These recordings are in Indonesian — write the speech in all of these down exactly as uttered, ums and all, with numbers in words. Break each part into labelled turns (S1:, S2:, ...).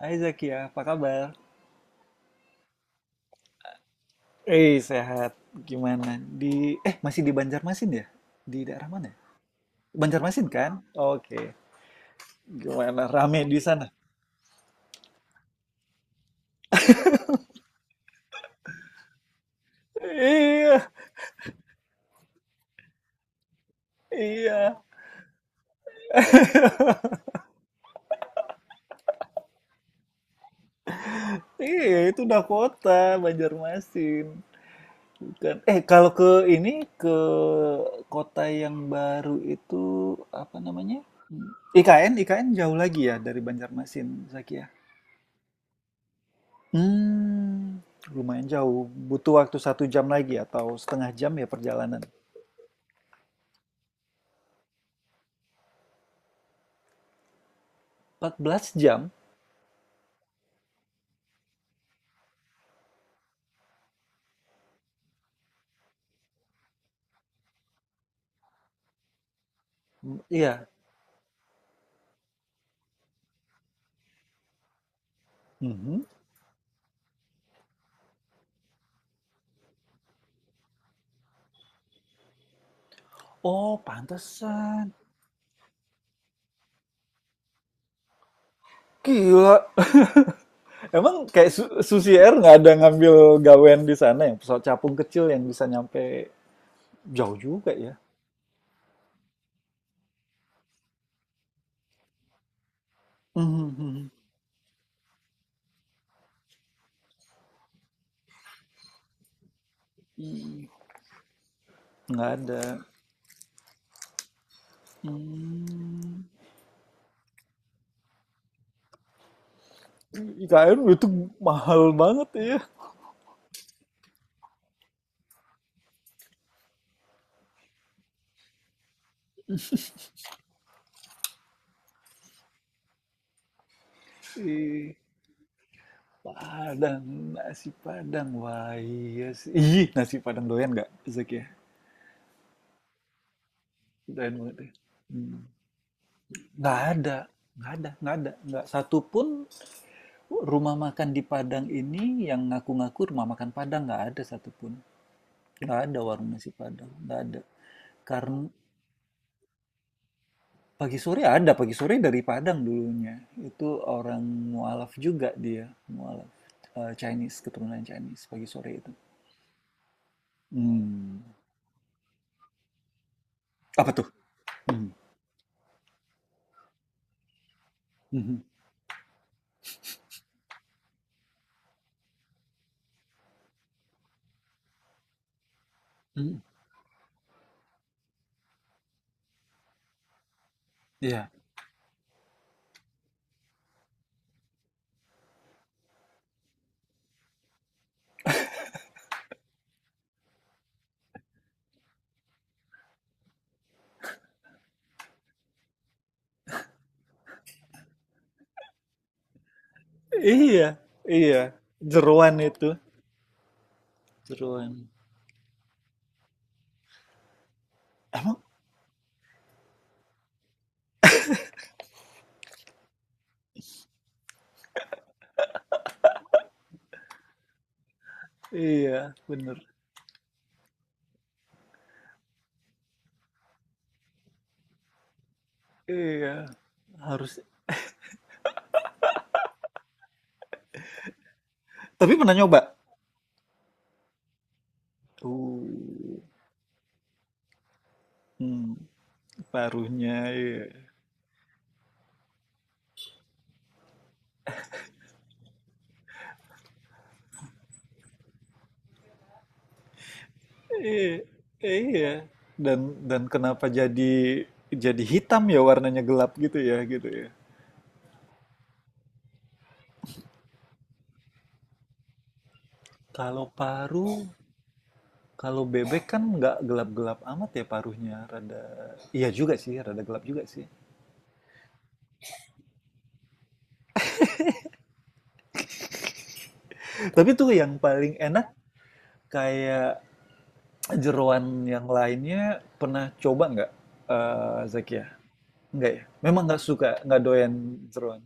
S1: Hai Zakia, apa kabar? Eh, sehat. Gimana? Di eh masih di Banjarmasin ya? Di daerah mana, ya? Banjarmasin kan? Oke. Gimana? Rame di sana? Iya, iya. Iya, itu udah kota Banjarmasin. Bukan. Eh, kalau ke ini ke kota yang baru itu apa namanya? I K N, I K N jauh lagi ya dari Banjarmasin, Zakia. hmm Lumayan jauh. Butuh waktu satu jam lagi atau setengah jam ya perjalanan? Empat belas jam? M iya. Mhm. Oh, pantesan. Gila. Emang kayak Su Susi Air nggak ada ngambil gawean di sana yang pesawat capung kecil yang bisa nyampe jauh juga ya? Mhm, mhm. Nggak ada. Mmm. I IKN itu mahal banget ya. Ih. Padang, nasi Padang. Wah, iya sih. Ih, nasi Padang doyan nggak, Zak ya? Doyan banget ya. Hmm. Nggak ada, nggak ada, nggak ada, nggak satu pun rumah makan di Padang ini yang ngaku-ngaku rumah makan Padang, nggak ada satupun. Nggak ada warung nasi Padang, nggak ada. Karena pagi sore ada, pagi sore dari Padang dulunya. Itu orang mualaf juga dia, mualaf. Eh, Chinese, keturunan Chinese pagi sore itu. Hmm. Apa tuh? Hmm. Mhm. Iya. Iya, iya. Jeroan itu. Seruan. Emang? Iya, bener. Iya, harus. Tapi pernah nyoba? Uh, hmm, paruhnya, iya. Iya, iya. Dan dan kenapa jadi jadi hitam ya, warnanya gelap gitu ya, gitu ya. Kalau paru, kalau bebek kan nggak gelap-gelap amat ya paruhnya, rada. Iya juga sih, rada gelap juga sih. Tapi tuh yang paling enak kayak jeroan yang lainnya pernah coba nggak, eee, Zakia? Nggak ya? Memang nggak suka, nggak doyan jeroan?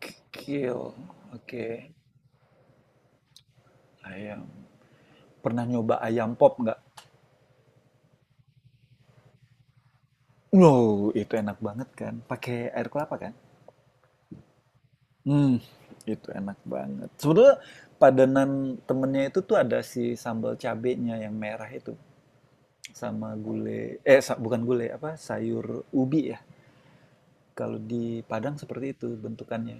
S1: Kikil, oke. Ayam. Pernah nyoba ayam pop nggak? Wow, itu enak banget kan, pakai air kelapa kan? Mmm, itu enak banget. Sebenarnya padanan temennya itu tuh ada si sambal cabenya yang merah itu, sama gulai eh, sa bukan gulai, apa, sayur ubi ya. Kalau di Padang seperti itu bentukannya.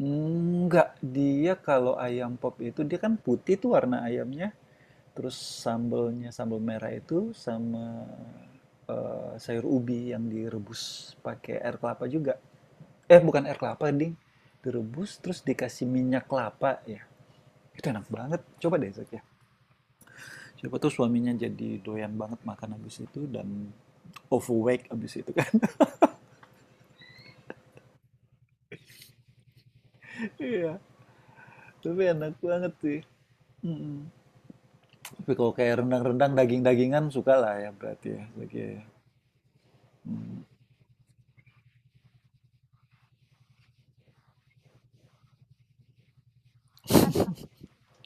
S1: Enggak, dia kalau ayam pop itu dia kan putih tuh warna ayamnya, terus sambelnya sambel merah itu sama eh, sayur ubi yang direbus pakai air kelapa juga. Eh bukan air kelapa, ding. Direbus terus dikasih minyak kelapa ya. Itu enak banget. Coba deh, Zak ya. Siapa tuh suaminya jadi doyan banget makan habis itu dan overweight habis itu kan. Iya, tapi enak banget sih. Mm-mm. Tapi kalau kayak rendang-rendang daging-dagingan suka lah ya berarti ya, Zak ya.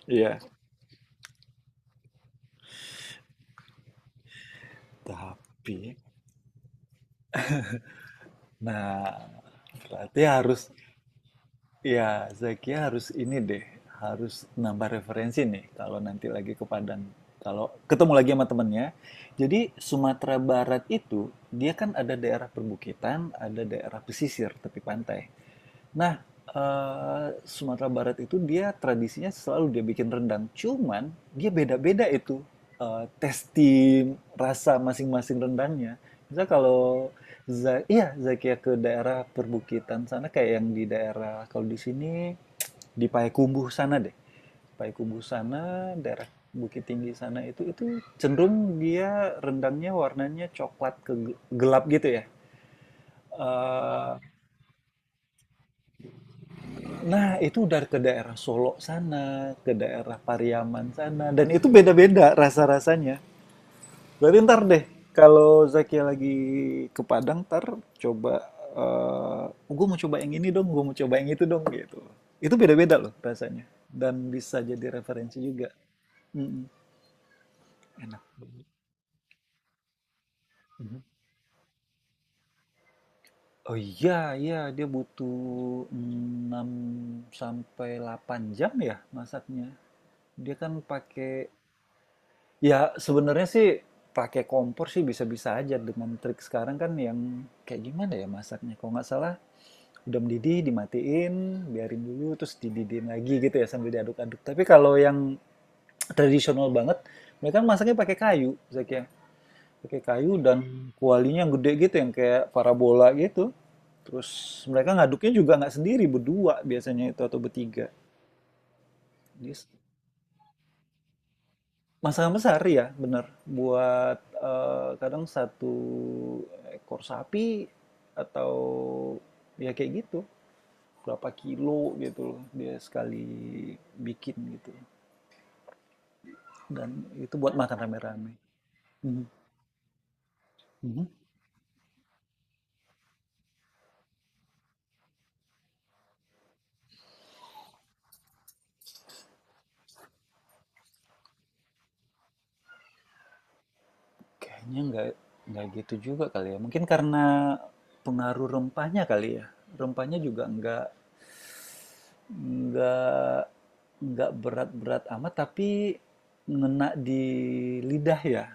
S1: Iya, tapi nah berarti harus ya Zakia harus ini deh, harus nambah referensi nih kalau nanti lagi ke Padang. Kalau ketemu lagi sama temennya. Jadi Sumatera Barat itu dia kan ada daerah perbukitan, ada daerah pesisir tepi pantai. Nah, eee, Sumatera Barat itu dia tradisinya selalu dia bikin rendang, cuman dia beda-beda itu, eee, tasti rasa masing-masing rendangnya. Misal kalau za iya, Zakia ke daerah perbukitan sana kayak yang di daerah kalau di sini di Payakumbuh sana deh. Payakumbuh sana, daerah Bukit Tinggi sana itu itu cenderung dia rendangnya warnanya coklat kege gelap gitu ya. Eee Nah, itu udah ke daerah Solo sana, ke daerah Pariaman sana, dan itu beda-beda rasa-rasanya. Berarti ntar deh, kalau Zakia lagi ke Padang, ntar coba, eh gue mau coba yang ini dong, gue mau coba yang itu dong, gitu. Itu beda-beda loh rasanya, dan bisa jadi referensi juga. Mm-mm, enak. Mhm. Oh iya, iya, dia butuh enam sampai delapan jam ya masaknya. Dia kan pakai Ya, sebenarnya sih pakai kompor sih bisa-bisa aja dengan trik sekarang kan yang kayak gimana ya masaknya. Kalau nggak salah udah mendidih dimatiin, biarin dulu terus dididihin lagi gitu ya sambil diaduk-aduk. Tapi kalau yang tradisional banget, mereka masaknya pakai kayu, Zakia. Pakai kayu dan kualinya yang gede gitu yang kayak parabola gitu. Terus mereka ngaduknya juga nggak sendiri, berdua biasanya itu atau bertiga. Jadi masalah besar ya, bener. Buat, eee, kadang satu ekor sapi atau ya kayak gitu, berapa kilo gitu loh dia sekali bikin gitu, dan itu buat makan rame-rame. Mhm, mhm. Kayaknya nggak nggak gitu juga kali ya, mungkin karena pengaruh rempahnya kali ya? Rempahnya juga nggak nggak nggak berat-berat amat tapi ngena di lidah ya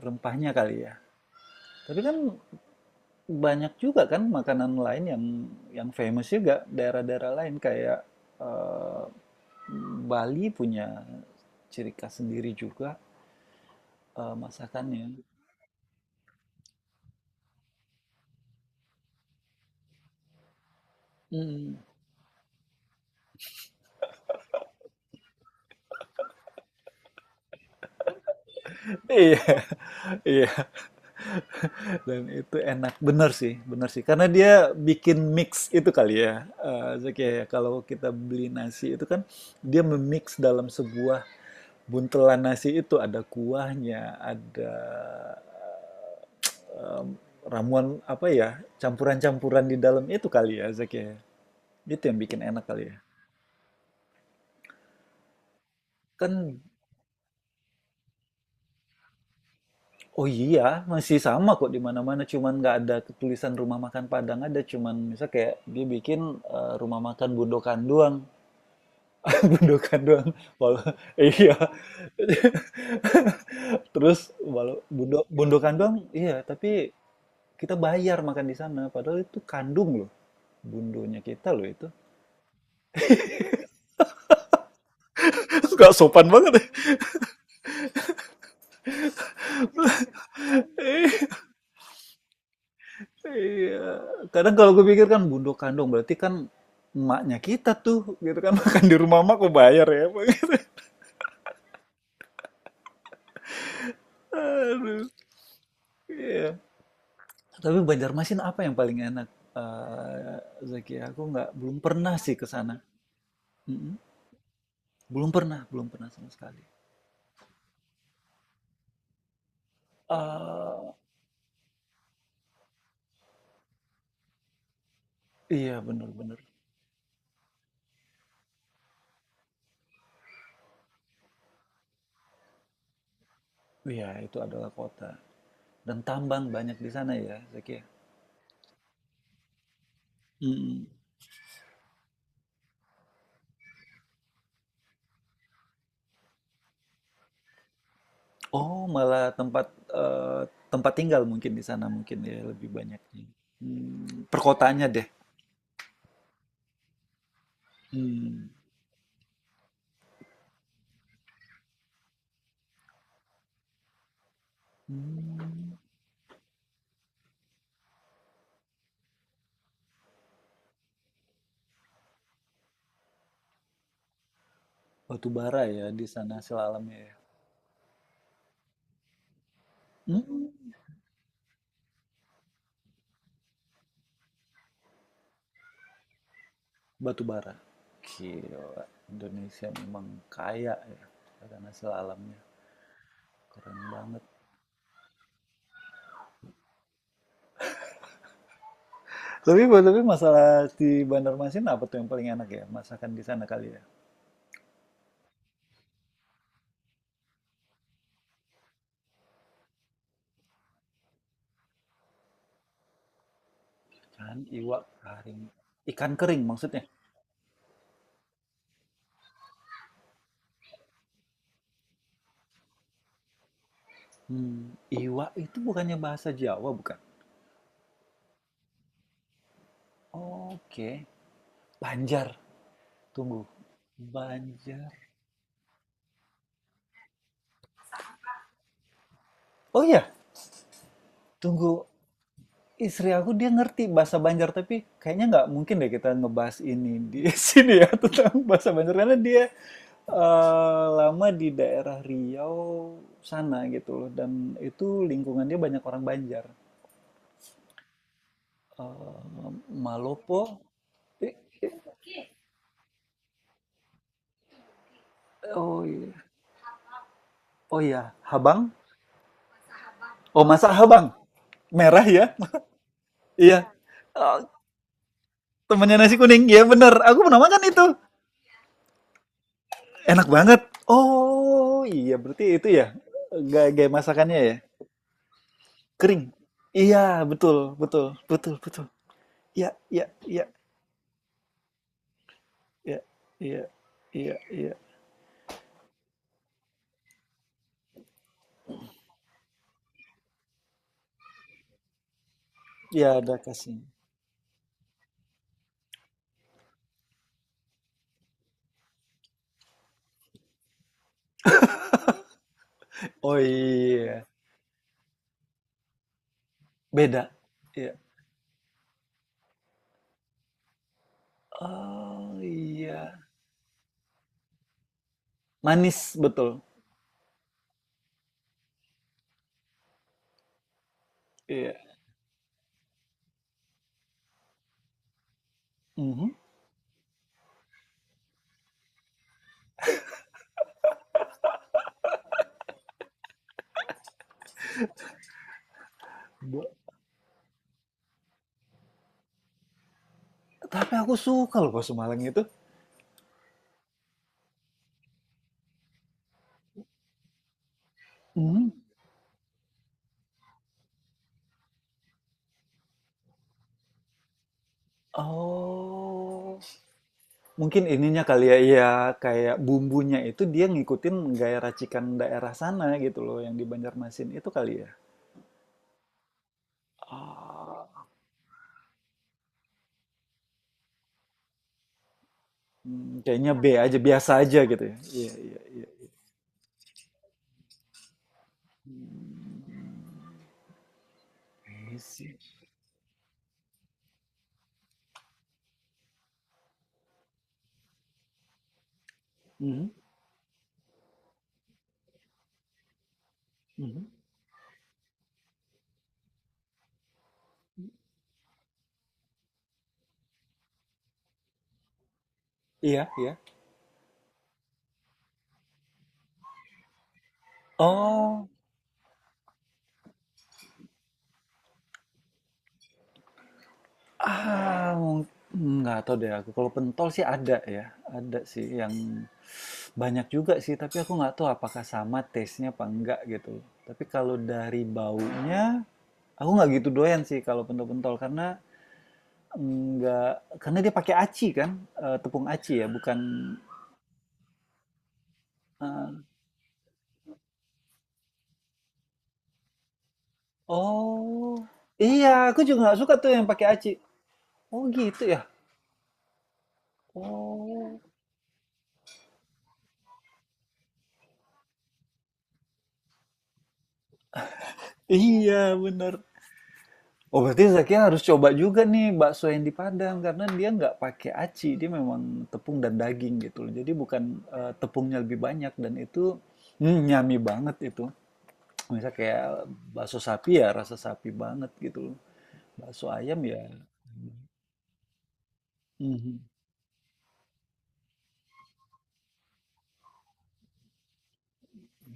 S1: rempahnya kali ya tapi kan banyak juga kan makanan lain yang yang famous juga daerah-daerah lain kayak eh, Bali punya ciri khas sendiri juga eh, masakannya. Mm. Iya, iya, dan itu enak bener sih, bener sih, karena dia bikin mix itu kali ya. Eh, Zaki, ya, kalau kita beli nasi itu kan dia memix dalam sebuah buntelan nasi itu ada kuahnya, ada em, ramuan apa ya, campuran-campuran di dalam itu kali ya, Zak ya. Itu yang bikin enak kali ya. Kan, oh iya, masih sama kok di mana-mana, cuman nggak ada tulisan rumah makan Padang ada, cuman misal kayak dia bikin eh, rumah makan Bundokan doang, Bundokan doang. Walau, eh, iya. Terus walau Bundo, Bundokan doang, iya, tapi kita bayar makan di sana, padahal itu kandung loh. Bundonya kita loh itu. Gak sopan banget ya. Iya. Kadang kalau gue pikir kan bundo kandung berarti kan emaknya kita tuh gitu kan makan di rumah emak kok bayar ya. Gitu. Aduh. Iya. Tapi Banjarmasin apa yang paling enak? Eh, Zaki, aku nggak belum pernah sih ke sana. Mm-mm. Belum pernah, belum pernah sama sekali. Eh, iya bener-bener. Iya, itu adalah kota. Dan tambang banyak di sana ya, Zaki, ya? Mm-mm. Oh, malah tempat eee, tempat tinggal mungkin di sana mungkin ya lebih banyaknya. Hmm, perkotaannya deh. Hmm. Hmm. Batu bara ya di sana sel alamnya ya. Hmm, batu bara. Gila, Indonesia memang kaya ya karena sel alamnya. Keren banget. Tapi tapi masalah di Bandar Masin apa tuh yang paling enak ya? Masakan di sana kali ya. Ikan, iwak, kering. Ikan kering maksudnya. Hmm, iwak itu bukannya bahasa Jawa bukan? Oke. Banjar, tunggu. Banjar. Oh iya, tunggu. Istri aku dia ngerti bahasa Banjar tapi kayaknya nggak mungkin deh kita ngebahas ini di sini ya tentang bahasa Banjar karena dia eh, lama di daerah Riau sana gitu loh dan itu lingkungannya banyak orang Banjar. Eh, Malopo. Eh, eh, Oh iya. Oh iya, Habang. Oh masa Habang? Merah ya? Iya. Oh, temannya nasi kuning. Iya bener. Aku pernah makan itu. Enak banget. Oh, iya berarti itu ya gaya, gaya masakannya ya. Kering. Iya, betul, betul, betul, betul. Iya, iya, iya, iya, iya, iya, iya. Iya, ada kasih. Oh iya, beda. Iya. Oh iya. Manis betul. Iya. Mhm. Bu- Tapi aku suka loh bakso Malang itu. Mhm. Oh. Mungkin ininya kali ya, iya kayak bumbunya itu dia ngikutin gaya racikan daerah sana gitu loh yang di Banjarmasin itu kali ya. Ah, hmm, kayaknya B aja, biasa aja gitu ya. Iya, iya, iya. Ini sih. Mhm, mhm. Iya, iya. Oh, ah, mung- nggak tahu deh aku. Kalau pentol sih ada ya, ada sih yang banyak juga sih. Tapi aku nggak tahu apakah sama taste-nya apa enggak gitu. Tapi kalau dari baunya, aku nggak gitu doyan sih kalau pentol-pentol karena Enggak, karena dia pakai aci kan, eee, tepung aci ya, bukan heeh. Oh, iya, aku juga nggak suka tuh yang pakai aci. Oh gitu ya? Oh, iya bener. Oh berarti Zakiya harus coba juga nih bakso yang di Padang, karena dia nggak pakai aci, dia memang tepung dan daging gitu loh. Jadi bukan, eee, tepungnya lebih banyak dan itu, mmm, yummy banget itu. Misal kayak bakso sapi ya, rasa sapi banget gitu loh. Bakso ayam ya mhm,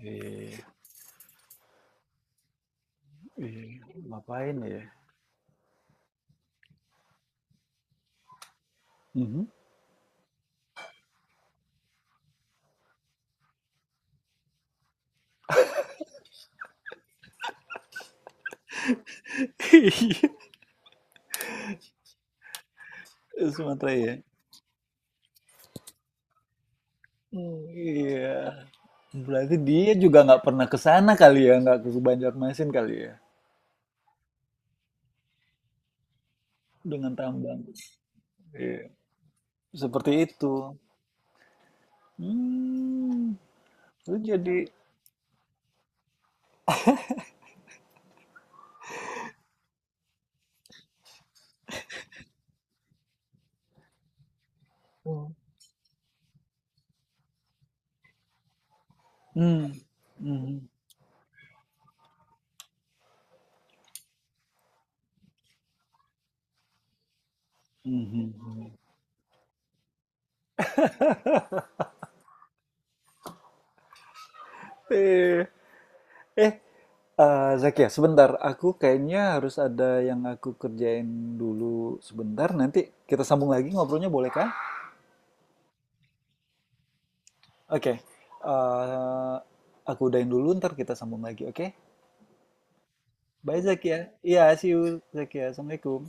S1: iya. Ih, ngapain ya? Mhm. Sumatera ya? Mmm, iya. Berarti dia juga nggak pernah ke sana kali ya, nggak ke Banjarmasin kali ya? Dengan tambang. Iya, seperti itu. Mmm, lu jadi mmm, mmm, mhm, mhm mhm. Iya. Eh, eh, Zakia, sebentar, aku kayaknya harus ada yang aku kerjain dulu sebentar, nanti kita sambung lagi ngobrolnya bolehkah? Oke, eh, aku udahin dulu, ntar kita sambung lagi, oke? Bye, Zakia. Iya, see you, Zakia. Assalamualaikum.